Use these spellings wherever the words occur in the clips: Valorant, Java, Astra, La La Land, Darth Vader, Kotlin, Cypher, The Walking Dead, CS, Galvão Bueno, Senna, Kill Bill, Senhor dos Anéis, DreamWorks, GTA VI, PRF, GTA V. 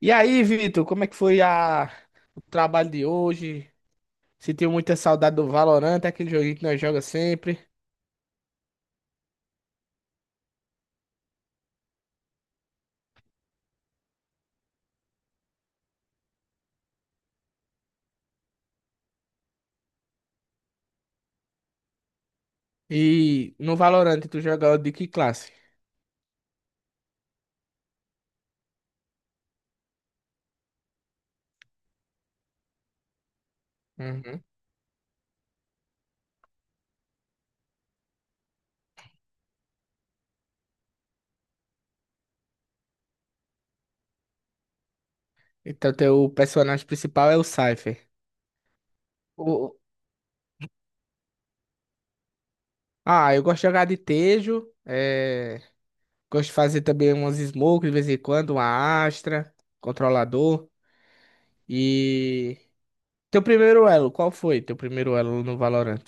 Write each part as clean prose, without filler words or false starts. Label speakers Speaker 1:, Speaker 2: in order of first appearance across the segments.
Speaker 1: E aí, Vitor, como é que foi o trabalho de hoje? Sentiu muita saudade do Valorant, aquele joguinho que nós jogamos sempre. E no Valorant, tu joga de que classe? Uhum. Então, teu personagem principal é o Cypher. O- Ah, eu gosto de jogar de Tejo. Gosto de fazer também umas smokes de vez em quando, uma Astra, controlador. E. Teu primeiro elo, qual foi teu primeiro elo no Valorant?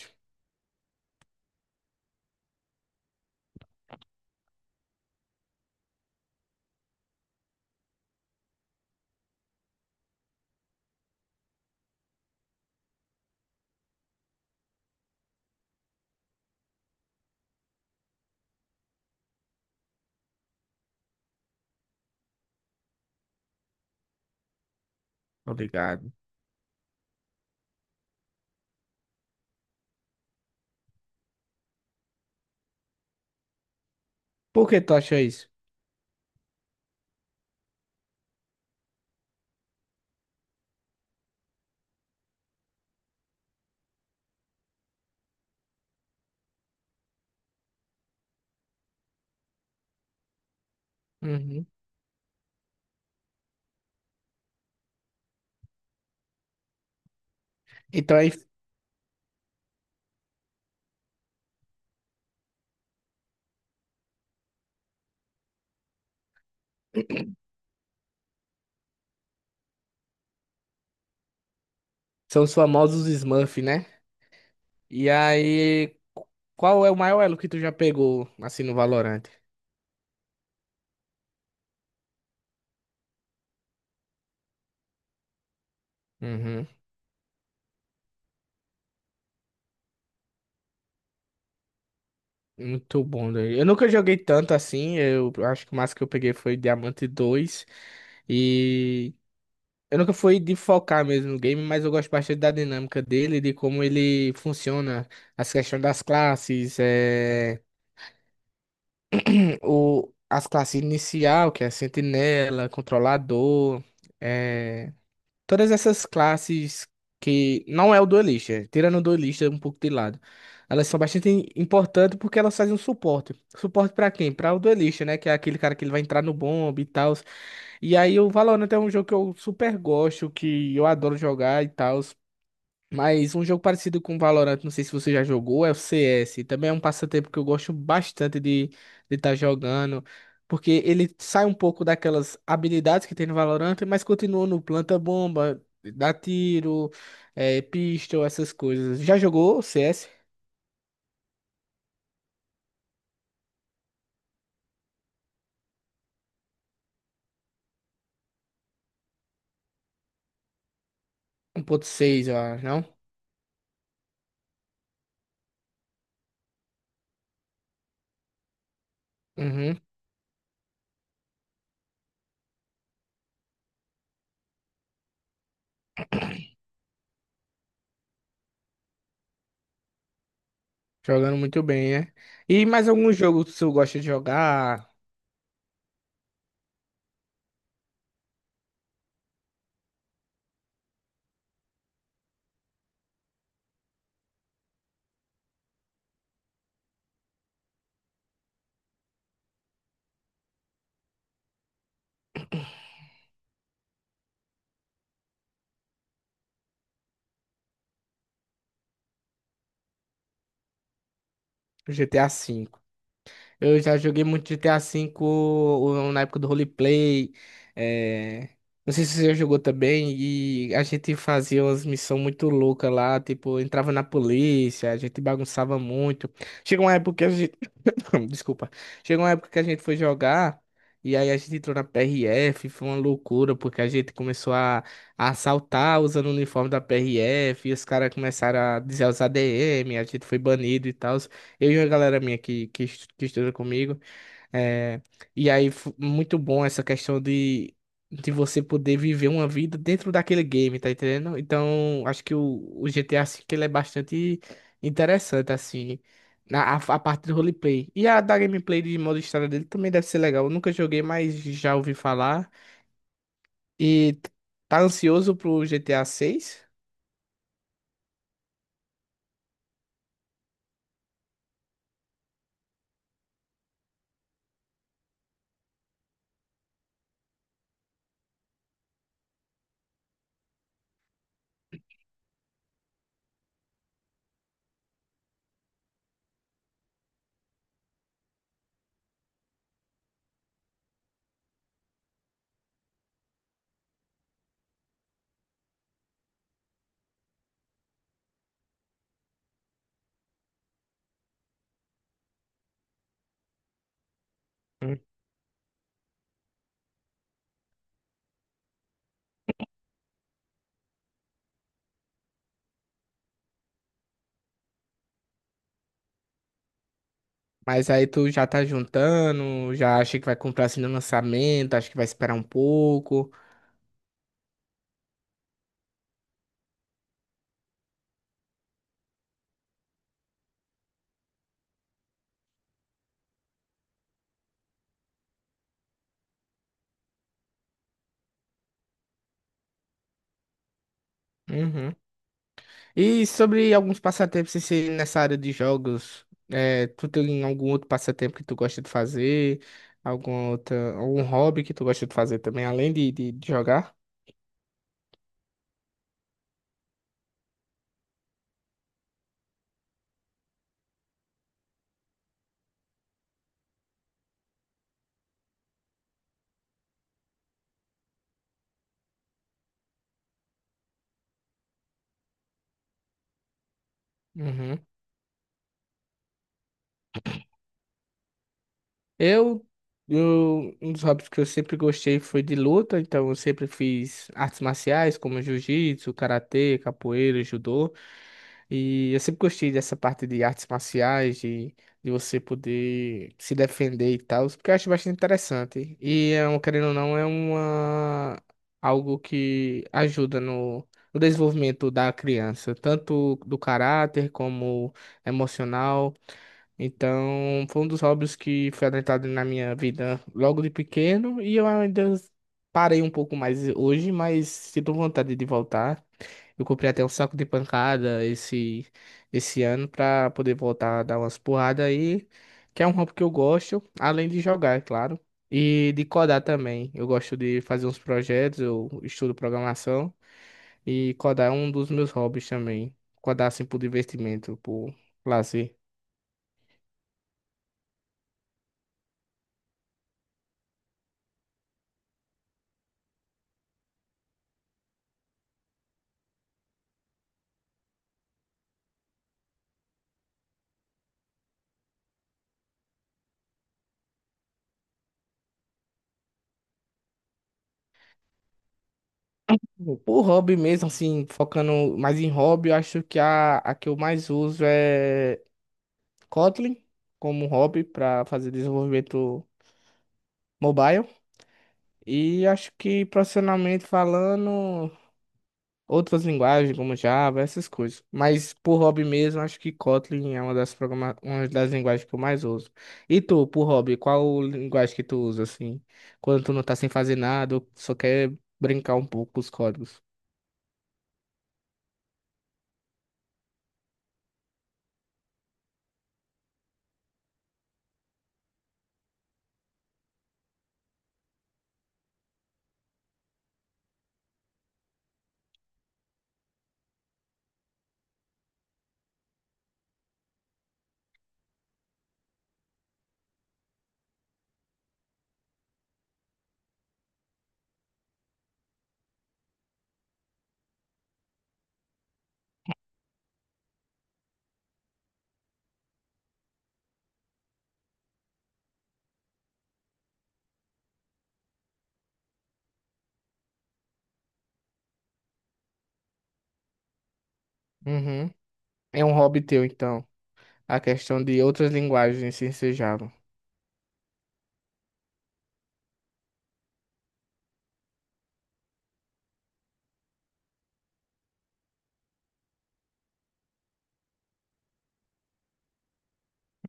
Speaker 1: Obrigado. Por que tu acha isso? Uhum. Então, aí. São os famosos Smurf, né? E aí, qual é o maior elo que tu já pegou, assim, no Valorant? Uhum. Muito bom, daí. Eu nunca joguei tanto assim. Eu acho que o máximo que eu peguei foi Diamante 2. E eu nunca fui de focar mesmo no game, mas eu gosto bastante da dinâmica dele, de como ele funciona, as questões das classes, as classes inicial, que é sentinela, controlador. é, Todas essas classes que não é o duelista, tirando o duelista um pouco de lado, elas são bastante importantes porque elas fazem um suporte. Suporte pra quem? Pra o duelista, né? Que é aquele cara que ele vai entrar no bomb e tal. E aí o Valorant é um jogo que eu super gosto, que eu adoro jogar e tal. Mas um jogo parecido com Valorant, não sei se você já jogou, é o CS. Também é um passatempo que eu gosto bastante de estar jogando, porque ele sai um pouco daquelas habilidades que tem no Valorant, mas continua no planta-bomba, dá tiro, é, pistol, essas coisas. Já jogou o CS 1.6, eu acho, não? Uhum. Jogando muito bem, né? E mais algum jogo que você gosta de jogar? GTA V. Eu já joguei muito GTA V na época do roleplay. é, Não sei se você já jogou também. E a gente fazia umas missões muito loucas lá. Tipo, entrava na polícia, a gente bagunçava muito. Chegou uma época que a gente. Desculpa. Chegou uma época que a gente foi jogar. E aí a gente entrou na PRF, foi uma loucura, porque a gente começou a assaltar usando o uniforme da PRF, e os caras começaram a dizer os ADM, a gente foi banido e tal. Eu e a galera minha que estuda comigo. É, e aí, muito bom essa questão de você poder viver uma vida dentro daquele game, tá entendendo? Então, acho que o GTA V ele é bastante interessante, assim, a parte do roleplay. E a da gameplay de modo história dele também deve ser legal. Eu nunca joguei, mas já ouvi falar. E tá ansioso pro GTA VI? Mas aí tu já tá juntando, já acha que vai comprar assim no lançamento, acha que vai esperar um pouco. Uhum. E sobre alguns passatempos assim, nessa área de jogos, é, tu tem algum outro passatempo que tu gosta de fazer? Algum outro, algum hobby que tu gosta de fazer também, além de jogar? Uhum. Eu, eu, um dos hobbies que eu sempre gostei foi de luta, então eu sempre fiz artes marciais como jiu-jitsu, karatê, capoeira, judô. E eu sempre gostei dessa parte de artes marciais, de você poder se defender e tal, porque eu acho bastante interessante. E, é um- querendo ou não, é algo que ajuda no desenvolvimento da criança, tanto do caráter como emocional. Então, foi um dos hobbies que foi adentrado na minha vida logo de pequeno e eu ainda parei um pouco mais hoje, mas sinto vontade de voltar. Eu comprei até um saco de pancada esse ano para poder voltar a dar umas porradas aí, que é um hobby que eu gosto, além de jogar, é claro, e de codar também. Eu gosto de fazer uns projetos, eu estudo programação e codar é um dos meus hobbies também. Codar assim por divertimento, por lazer. Por hobby mesmo, assim, focando mais em hobby, eu acho que a que eu mais uso é Kotlin como hobby para fazer desenvolvimento mobile. E acho que profissionalmente falando, outras linguagens como Java, essas coisas. Mas por hobby mesmo, acho que Kotlin é uma das linguagens que eu mais uso. E tu, por hobby, qual linguagem que tu usa, assim, quando tu não tá sem fazer nada, ou só quer brincar um pouco com os códigos? Uhum. É um hobby teu, então. A questão de outras linguagens se ensejavam.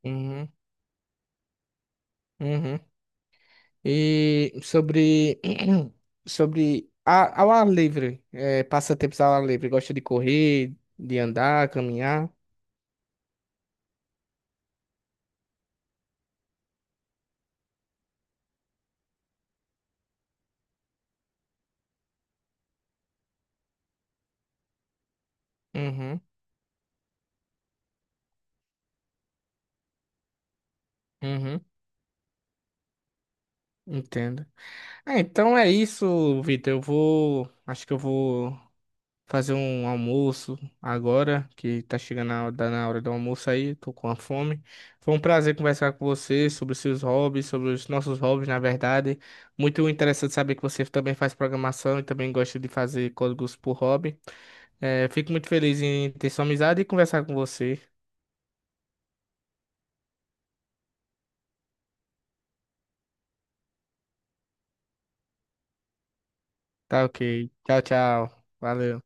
Speaker 1: Uhum, uhum. E sobre, sobre a, ao ar livre, é, passatempos ao ar livre, gosta de correr, de andar, caminhar. Uhum, uhum, entendo. Ah, então é isso, Vitor. Eu vou, acho que eu vou fazer um almoço agora, que tá chegando a hora, tá na hora do almoço aí, tô com a fome. Foi um prazer conversar com você sobre seus hobbies, sobre os nossos hobbies, na verdade. Muito interessante saber que você também faz programação e também gosta de fazer códigos por hobby. É, fico muito feliz em ter sua amizade e conversar com você. Tá ok. Tchau, tchau. Valeu.